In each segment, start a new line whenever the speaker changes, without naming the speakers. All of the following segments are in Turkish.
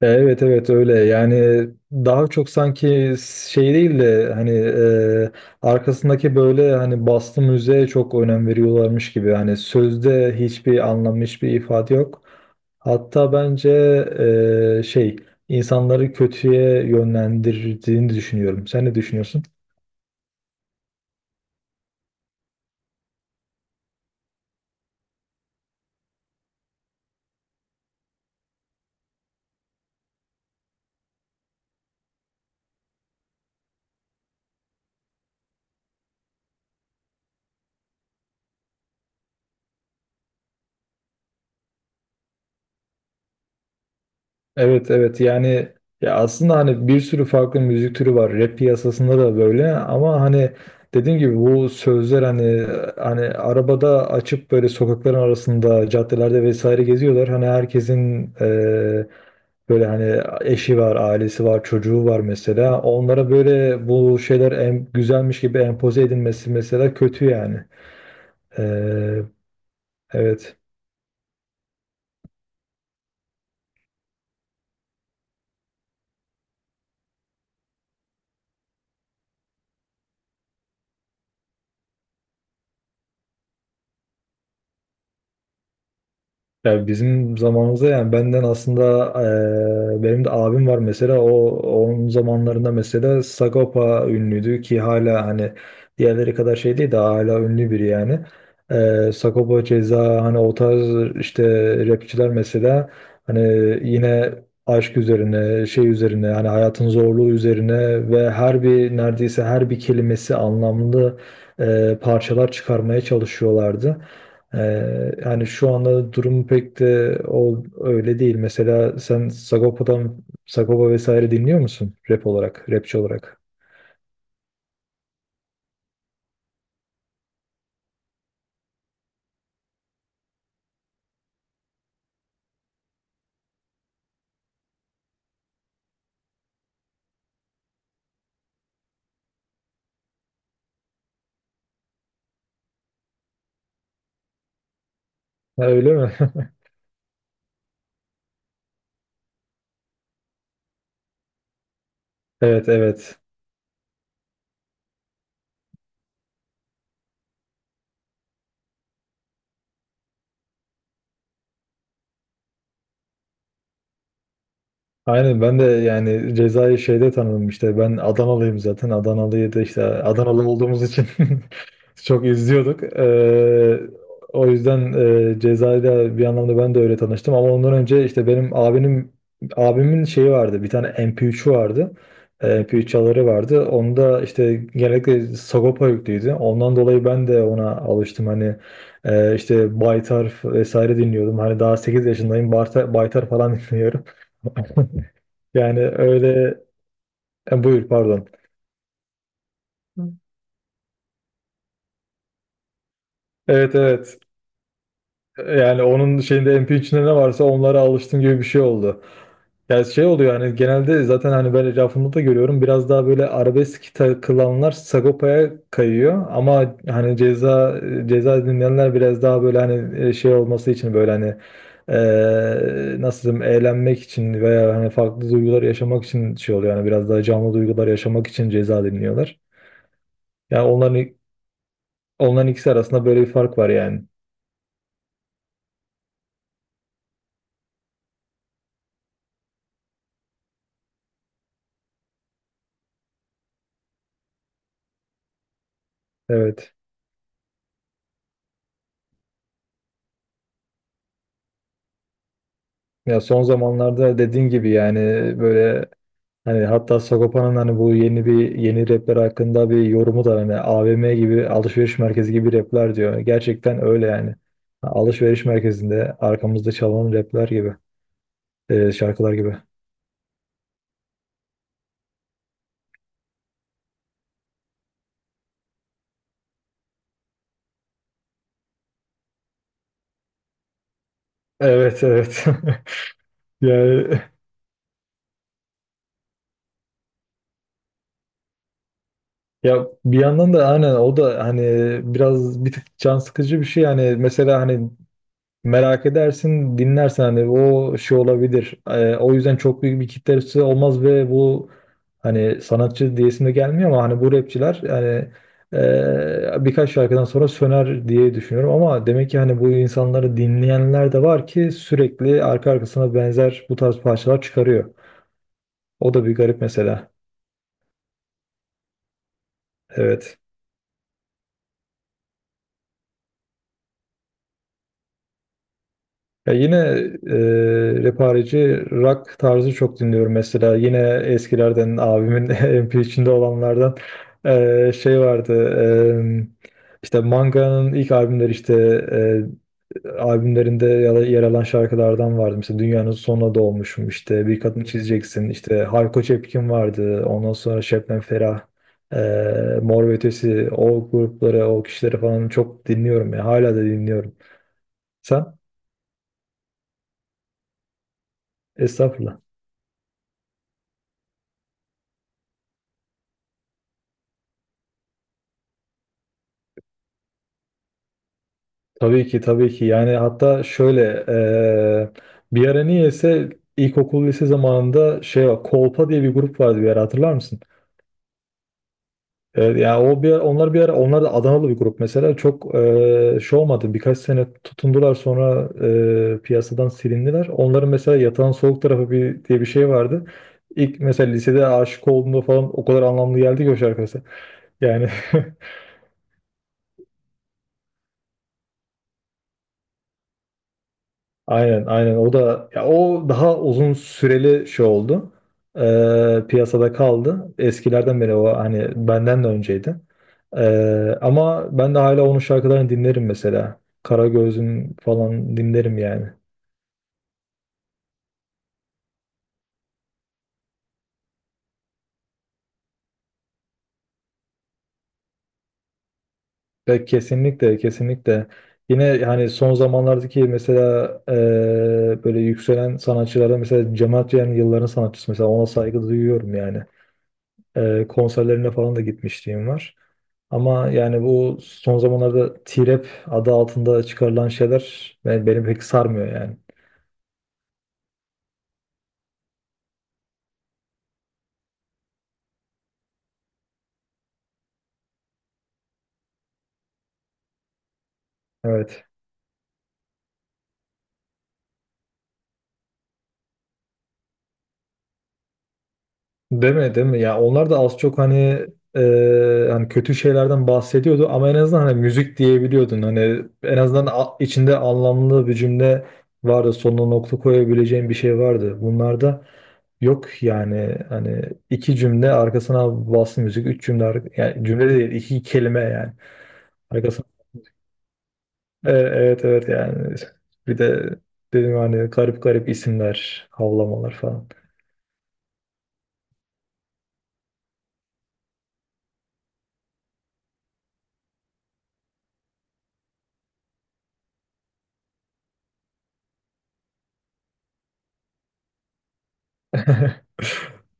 Evet, evet, öyle yani daha çok sanki şey değil de hani arkasındaki böyle hani bastı müziğe çok önem veriyorlarmış gibi hani sözde hiçbir anlam hiçbir ifade yok. Hatta bence şey insanları kötüye yönlendirdiğini düşünüyorum. Sen ne düşünüyorsun? Evet, evet, yani ya aslında hani bir sürü farklı müzik türü var rap piyasasında da böyle ama hani dediğim gibi bu sözler hani hani arabada açıp böyle sokakların arasında caddelerde vesaire geziyorlar hani herkesin böyle hani eşi var ailesi var çocuğu var mesela onlara böyle bu şeyler güzelmiş gibi empoze edilmesi mesela kötü yani. Eee, evet. Ya bizim zamanımızda yani benden aslında benim de abim var mesela onun zamanlarında mesela Sagopa ünlüydü ki hala hani diğerleri kadar şey değil de hala ünlü biri yani. Sagopa Ceza hani o tarz işte rapçiler mesela hani yine aşk üzerine şey üzerine hani hayatın zorluğu üzerine ve her bir neredeyse her bir kelimesi anlamlı parçalar çıkarmaya çalışıyorlardı. Yani şu anda durum pek de öyle değil. Mesela sen Sagopa'dan Sagopa vesaire dinliyor musun? Rap olarak, rapçi olarak. Ha, öyle mi? Evet, evet. Aynen ben de yani cezayı şeyde tanıdım işte ben Adanalıyım zaten Adanalıyı da işte Adanalı olduğumuz için çok izliyorduk. O yüzden cezayla bir anlamda ben de öyle tanıştım ama ondan önce işte benim abimin şeyi vardı bir tane MP3'ü vardı. MP3 çaları vardı. Onda işte genellikle Sagopa yüklüydü. Ondan dolayı ben de ona alıştım. Hani işte Baytar vesaire dinliyordum. Hani daha 8 yaşındayım. Baytar falan dinliyorum. Yani öyle, buyur pardon. Hı. Evet, evet. Yani onun şeyinde MP3'ünde ne varsa onlara alıştım gibi bir şey oldu. Yani şey oluyor yani genelde zaten hani ben etrafımda da görüyorum biraz daha böyle arabesk takılanlar Sagopa'ya kayıyor ama hani ceza ceza dinleyenler biraz daha böyle hani şey olması için böyle hani nasıl diyeyim eğlenmek için veya hani farklı duygular yaşamak için şey oluyor yani biraz daha canlı duygular yaşamak için ceza dinliyorlar. Yani Onların ikisi arasında böyle bir fark var yani. Evet. Ya son zamanlarda dediğin gibi yani böyle hani hatta Sagopa'nın hani bu yeni bir yeni rapler hakkında bir yorumu da hani AVM gibi alışveriş merkezi gibi rapler diyor. Gerçekten öyle yani. Alışveriş merkezinde arkamızda çalan rapler gibi, şarkılar gibi. Evet, evet. Yani ya bir yandan da aynen o da hani biraz bir tık can sıkıcı bir şey yani mesela hani merak edersin dinlersen hani o şey olabilir. O yüzden çok büyük bir kitlesi olmaz ve bu hani sanatçı diyesim de gelmiyor ama hani bu rapçiler yani birkaç şarkıdan sonra söner diye düşünüyorum ama demek ki hani bu insanları dinleyenler de var ki sürekli arka arkasına benzer bu tarz parçalar çıkarıyor. O da bir garip mesela. Evet. Ya yine rapareci rock tarzı çok dinliyorum mesela. Yine eskilerden abimin MP içinde olanlardan şey vardı. İşte Manga'nın ilk albümleri işte albümlerinde ya da yer alan şarkılardan vardı. Mesela Dünyanın Sonuna Doğmuşum işte Bir Kadın Çizeceksin işte Hayko Cepkin vardı. Ondan sonra Şebnem Ferah, Mor ve Ötesi, o grupları o kişileri falan çok dinliyorum ya hala da dinliyorum. Sen? Estağfurullah. Tabii ki, tabii ki. Yani hatta şöyle bir ara niyeyse ilkokul lise zamanında şey var. Kolpa diye bir grup vardı bir ara, hatırlar mısın? Evet, yani o bir onlar bir ara onlar da Adanalı bir grup mesela çok şey olmadı birkaç sene tutundular sonra piyasadan silindiler. Onların mesela Yatağın Soğuk Tarafı bir, diye bir şey vardı. İlk mesela lisede aşık olduğumda falan o kadar anlamlı geldi ki o şarkısı. Yani aynen, aynen, o da ya o daha uzun süreli şey oldu. Piyasada kaldı. Eskilerden beri o hani benden de önceydi. Ama ben de hala onun şarkılarını dinlerim mesela. Karagöz'ün falan dinlerim yani. Ya kesinlikle, kesinlikle, yine yani son zamanlardaki mesela böyle yükselen sanatçılarda mesela Cem Adrian yılların sanatçısı mesela ona saygı duyuyorum yani. Konserlerine falan da gitmişliğim var ama yani bu son zamanlarda T-Rap adı altında çıkarılan şeyler beni pek sarmıyor yani, evet. Değil mi, değil mi? Ya onlar da az çok hani hani kötü şeylerden bahsediyordu ama en azından hani müzik diyebiliyordun. Hani en azından içinde anlamlı bir cümle vardı. Sonuna nokta koyabileceğin bir şey vardı. Bunlarda yok yani hani iki cümle arkasına bastı müzik. Üç cümle yani cümle değil iki kelime yani. Arkasına, evet, evet, yani bir de dedim hani garip garip isimler, havlamalar falan.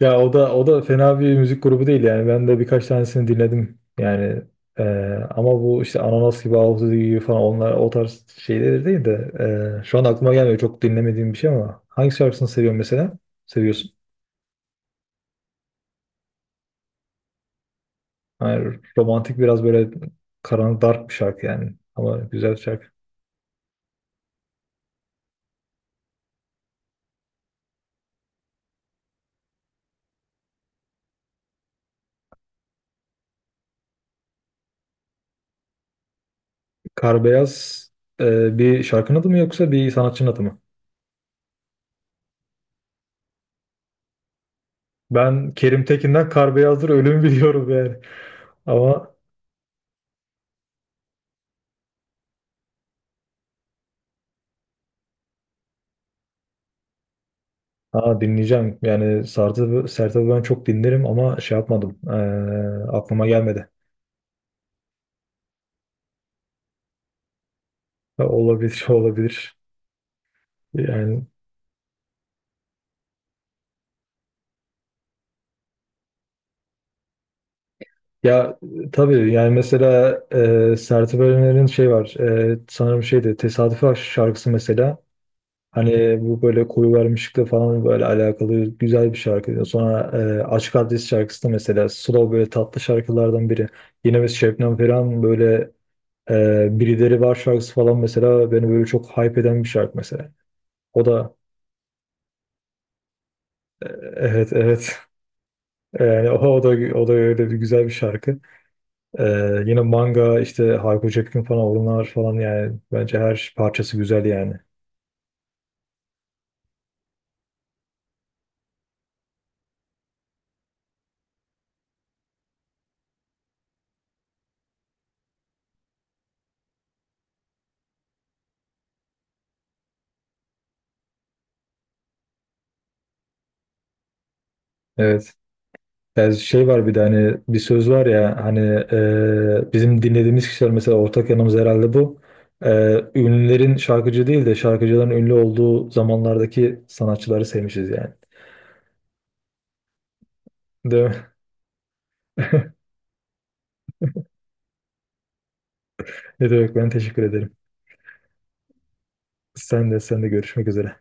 Ya o da o da fena bir müzik grubu değil yani ben de birkaç tanesini dinledim yani, e, ama bu işte Ananas gibi Ağustos gibi falan onlar o tarz şeyler değil de şu an aklıma gelmiyor çok dinlemediğim bir şey ama hangi şarkısını seviyorsun mesela? Seviyorsun. Yani romantik biraz böyle karanlık dark bir şarkı yani ama güzel bir şarkı. Kar Beyaz bir şarkının adı mı yoksa bir sanatçının adı mı? Ben Kerim Tekin'den Kar Beyazdır Ölümü biliyorum yani. Ama ha, dinleyeceğim. Yani Sertab'ı ben çok dinlerim ama şey yapmadım. Aklıma gelmedi. Ha, olabilir, olabilir. Yani ya tabii yani mesela Sertab Erener'in şey var. Sanırım şeydi Tesadüfi Aşk şarkısı mesela. Hani bu böyle koyu vermişlikle falan böyle alakalı güzel bir şarkı. Sonra Açık Adres şarkısı da mesela slow böyle tatlı şarkılardan biri. Yine biz Şebnem Ferah'ın böyle Birileri Var şarkısı falan mesela beni böyle çok hype eden bir şarkı mesela. O da evet, evet, yani o da öyle bir güzel bir şarkı. Ee, Yine Manga işte Hayko Cepkin falan onlar falan yani bence her parçası güzel yani. Evet. Yani şey var bir de hani bir söz var ya hani bizim dinlediğimiz kişiler mesela ortak yanımız herhalde bu. E, Ünlülerin şarkıcı değil de şarkıcıların ünlü olduğu zamanlardaki sanatçıları sevmişiz yani. Değil mi? Ne demek, ben teşekkür ederim. Sen de görüşmek üzere.